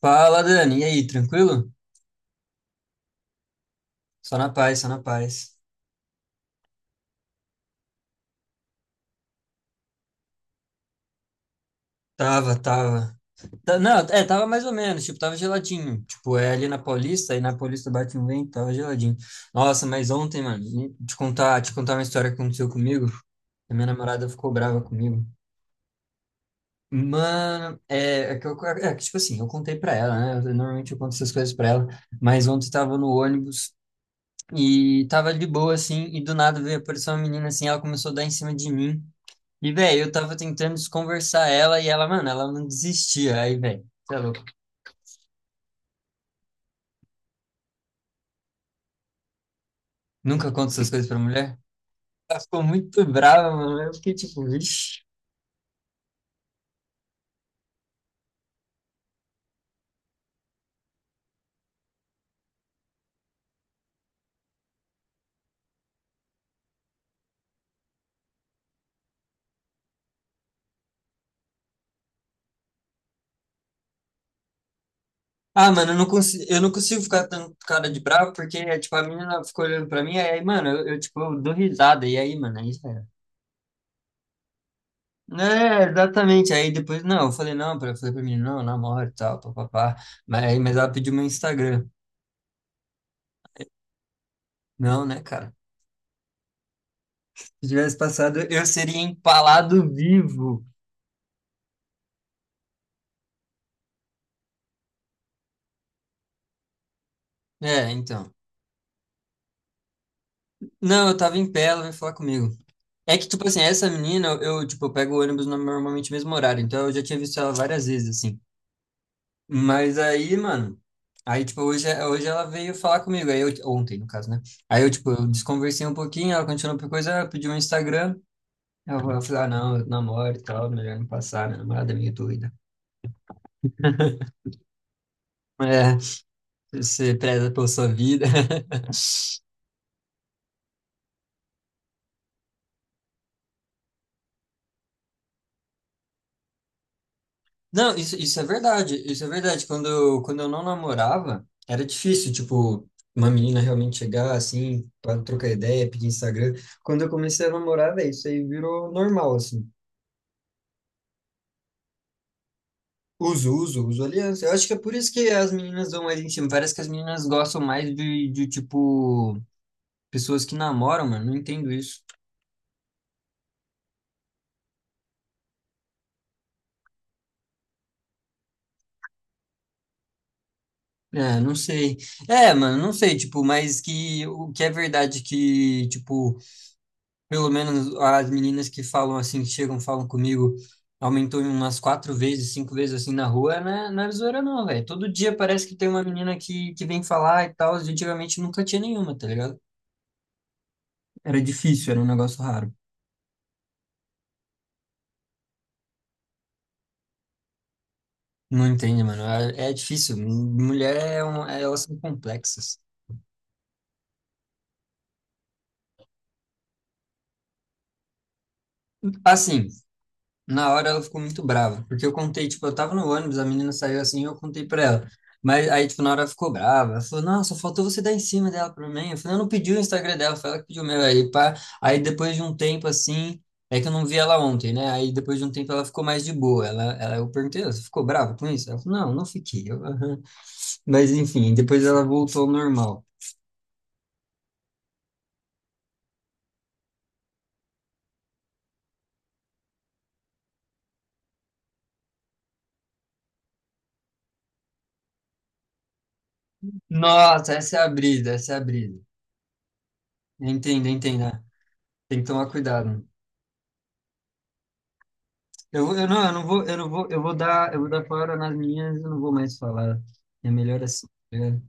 Fala, Dani. E aí, tranquilo? Só na paz, só na paz. Tava, tava. Não, tava mais ou menos, tipo, tava geladinho. Tipo, é ali na Paulista, aí na Paulista bate um vento, tava geladinho. Nossa, mas ontem, mano, te contar uma história que aconteceu comigo. A minha namorada ficou brava comigo. Mano, é que tipo assim, eu contei pra ela, né? Normalmente eu conto essas coisas pra ela, mas ontem tava no ônibus e tava de boa, assim, e do nada veio aparecer uma menina assim, ela começou a dar em cima de mim. E, velho, eu tava tentando desconversar ela e ela, mano, ela não desistia. Aí, velho, você é louco. Nunca conto essas coisas pra mulher. Ela ficou muito brava, mano. Eu fiquei tipo, vixi. Ah, mano, eu não consigo ficar tanto cara de bravo porque, é, tipo, a menina ficou olhando pra mim. Aí, mano, tipo, eu dou risada. E aí, mano, aí já era. É, exatamente. Aí depois, não, eu falei, não, pra, eu falei pra menina, não, eu namoro e tal, papapá. Mas, mas ela pediu meu Instagram. Não, né, cara? Se tivesse passado, eu seria empalado vivo. É, então. Não, eu tava em pé, ela veio falar comigo. É que, tipo assim, essa menina, tipo, eu pego o ônibus normalmente no mesmo horário, então eu já tinha visto ela várias vezes, assim. Mas aí, mano, aí, tipo, hoje ela veio falar comigo, aí eu, ontem, no caso, né? Aí eu, tipo, eu desconversei um pouquinho, ela continuou por coisa, ela pediu um Instagram, eu falei, ah, não, eu namoro e tal, melhor não passar, minha namorada é meio doida. É, você preza pela sua vida. Não, isso é verdade, isso é verdade. Quando eu não namorava, era difícil, tipo, uma menina realmente chegar assim, para trocar ideia, pedir Instagram. Quando eu comecei a namorar, velho, isso aí virou normal, assim. Uso, uso, uso aliança. Eu acho que é por isso que as meninas dão mais em cima. Parece que as meninas gostam mais de tipo, pessoas que namoram, mano. Não entendo isso. É, não sei. É, mano, não sei, tipo, mas que o que é verdade que, tipo, pelo menos as meninas que falam assim, que chegam, falam comigo, aumentou em umas quatro vezes, cinco vezes assim na rua, né? Não é zoeira não, velho. Todo dia parece que tem uma menina que vem falar e tal. E antigamente nunca tinha nenhuma, tá ligado? Era difícil, era um negócio raro. Não entende, mano. É difícil. Mulher é um, elas são complexas. Assim, na hora ela ficou muito brava, porque eu contei, tipo, eu tava no ônibus, a menina saiu assim, eu contei pra ela. Mas aí, tipo, na hora ela ficou brava. Ela falou, nossa, faltou você dar em cima dela pra mim. Eu falei, eu não pedi o Instagram dela, foi ela que pediu o meu. Aí, pá. Aí depois de um tempo assim, é que eu não vi ela ontem, né? Aí depois de um tempo ela ficou mais de boa. Ela, eu perguntei, você ficou brava com isso? Ela falou, não, não fiquei. Eu, "Aham." Mas enfim, depois ela voltou ao normal. Nossa, essa é a brisa, essa é a brisa. Entendo, entendo, né? Tem que tomar cuidado, né? Eu não vou, eu não vou, eu vou dar fora nas minhas, eu não vou mais falar. É melhor assim, tá ligado?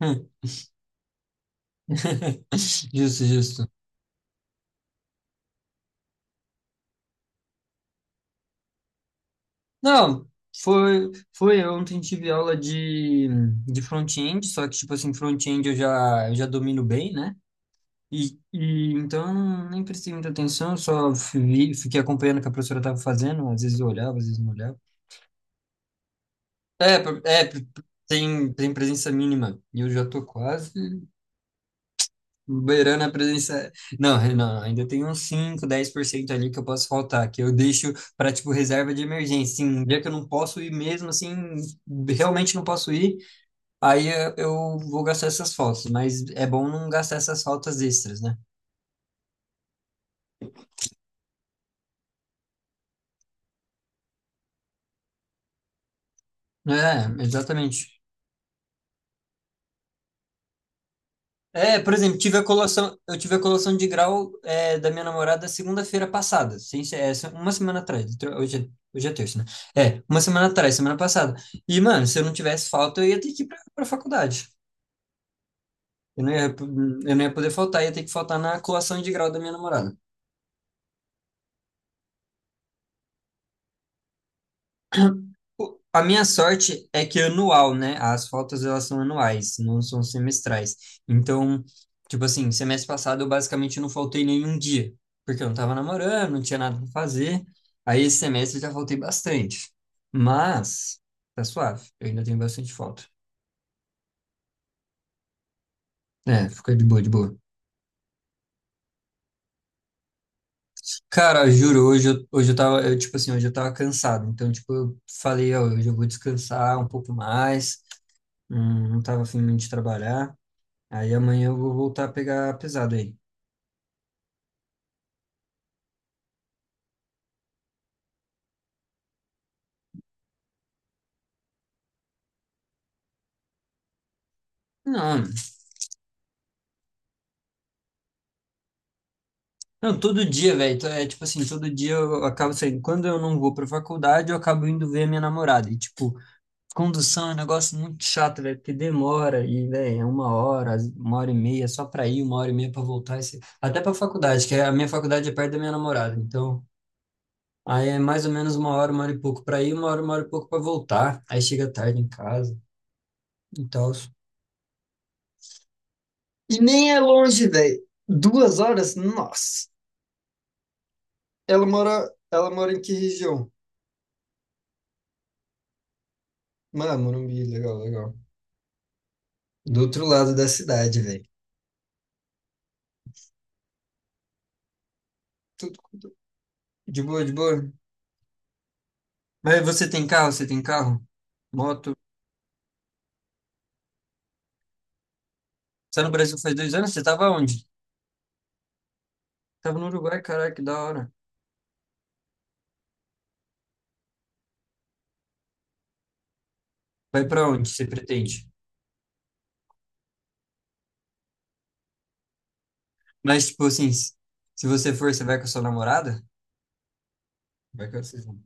Justo, justo. Não, foi ontem tive aula de front-end, só que tipo assim, front-end eu já domino bem, né? E então nem prestei muita atenção, só vi, fiquei acompanhando o que a professora estava fazendo, às vezes eu olhava, às vezes não olhava. É, pro- é, pro- tem tem presença mínima. E eu já tô quase. Beirando a presença. Não, não, ainda tem uns cinco 10% ali que eu posso faltar, que eu deixo para, tipo, reserva de emergência. Sim, um dia que eu não posso ir mesmo, assim, realmente não posso ir, aí eu vou gastar essas faltas. Mas é bom não gastar essas faltas extras, né? É, exatamente. É, por exemplo, eu tive a colação de grau da minha namorada segunda-feira passada, sem ser- é, se- uma semana atrás, hoje é terça, né? É, uma semana atrás, semana passada. E, mano, se eu não tivesse falta, eu ia ter que ir pra faculdade. Eu não ia, eu não ia poder faltar, ia ter que faltar na colação de grau da minha namorada. A minha sorte é que é anual, né? As faltas elas são anuais, não são semestrais. Então, tipo assim, semestre passado eu basicamente não faltei nenhum dia, porque eu não tava namorando, não tinha nada pra fazer. Aí esse semestre eu já faltei bastante. Mas tá suave, eu ainda tenho bastante falta. É, fica de boa, de boa. Cara, juro, hoje eu tava, eu, tipo assim, hoje eu tava cansado. Então, tipo, eu falei, ó, hoje eu vou descansar um pouco mais. Não tava afim muito de trabalhar. Aí amanhã eu vou voltar a pegar pesado aí. Não, não, todo dia, velho. Então, é tipo assim, todo dia eu acabo saindo. Quando eu não vou pra faculdade, eu acabo indo ver a minha namorada. E, tipo, condução é um negócio muito chato, velho, porque demora. E, velho, é uma hora, uma hora e meia só pra ir, uma hora e meia pra voltar. Até pra faculdade, a minha faculdade é perto da minha namorada. Então, aí é mais ou menos uma hora e pouco pra ir, uma hora e pouco pra voltar. Aí chega tarde em casa e tal. E nem é longe, velho. 2 horas? Nossa. Ela mora em que região? Ah, Morumbi, legal, legal. Do outro lado da cidade, velho. Tudo de boa, de boa. Mas você tem carro? Você tem carro? Moto? Você tá no Brasil faz 2 anos? Você tava onde? Tava no Uruguai, caraca, que da hora. Vai pra onde você pretende? Mas, tipo assim, se você for, você vai com a sua namorada? Vai com vocês vão.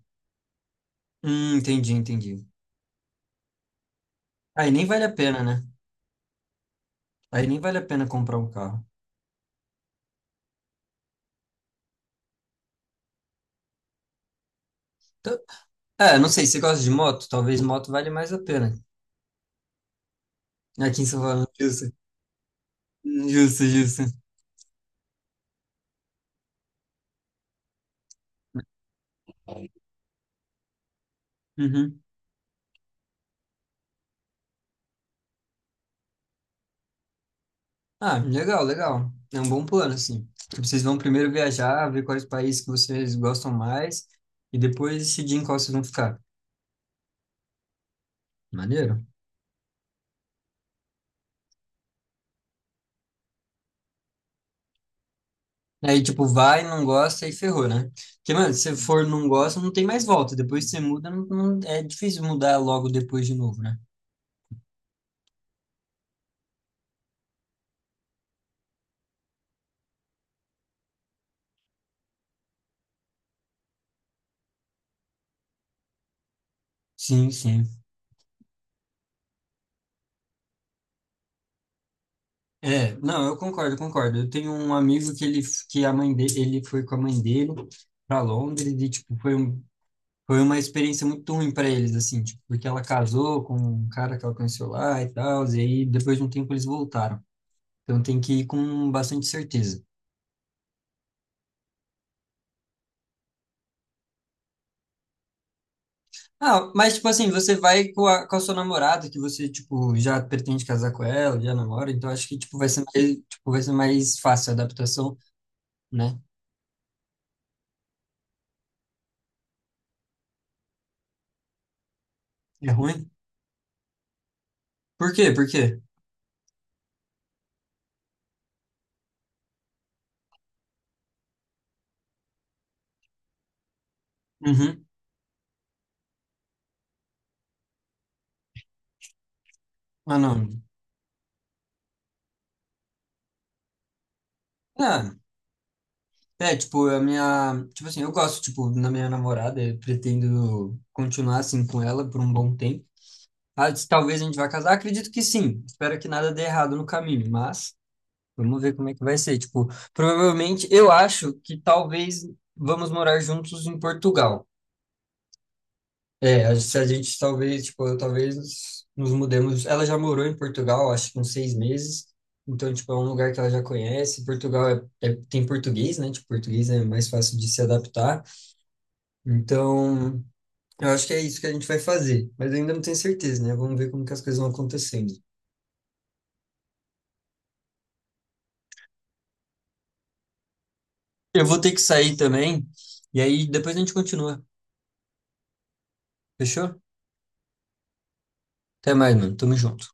Entendi, entendi. Aí nem vale a pena, né? Aí nem vale a pena comprar um carro. Então, é, não sei, você gosta de moto? Talvez moto vale mais a pena. Aqui em São Paulo. Justo, justo. Uhum. Ah, legal, legal. É um bom plano, assim. Tipo, vocês vão primeiro viajar, ver quais países que vocês gostam mais e depois decidir em qual vocês vão ficar. Maneiro. Aí, tipo, vai, não gosta e ferrou, né? Porque, mano, se você for não gosta, não tem mais volta. Depois que você muda, é difícil mudar logo depois de novo, né? Sim, sim. É, não, eu concordo, concordo. Eu tenho um amigo que a mãe dele, ele foi com a mãe dele para Londres e, tipo, foi uma experiência muito ruim para eles, assim, tipo, porque ela casou com um cara que ela conheceu lá e tal, e aí depois de um tempo eles voltaram. Então tem que ir com bastante certeza. Ah, mas tipo assim, você vai com a sua namorada, que você, tipo, já pretende casar com ela, já namora, então acho que, tipo, tipo, vai ser mais fácil a adaptação, né? É ruim? Por quê? Por quê? Uhum. Ah, não. Ah, é, tipo, a minha. Tipo assim, eu gosto, tipo, na minha namorada, eu pretendo continuar assim com ela por um bom tempo. Ah, se talvez a gente vá casar, acredito que sim. Espero que nada dê errado no caminho, mas vamos ver como é que vai ser. Tipo, provavelmente, eu acho que talvez vamos morar juntos em Portugal. É, se a gente talvez, tipo, eu talvez nos mudemos. Ela já morou em Portugal, acho que uns 6 meses. Então, tipo, é um lugar que ela já conhece. Portugal tem português, né? Tipo, português é mais fácil de se adaptar. Então, eu acho que é isso que a gente vai fazer. Mas eu ainda não tenho certeza, né? Vamos ver como que as coisas vão acontecendo. Eu vou ter que sair também. E aí depois a gente continua. Fechou? Até mais, mano. Tamo junto.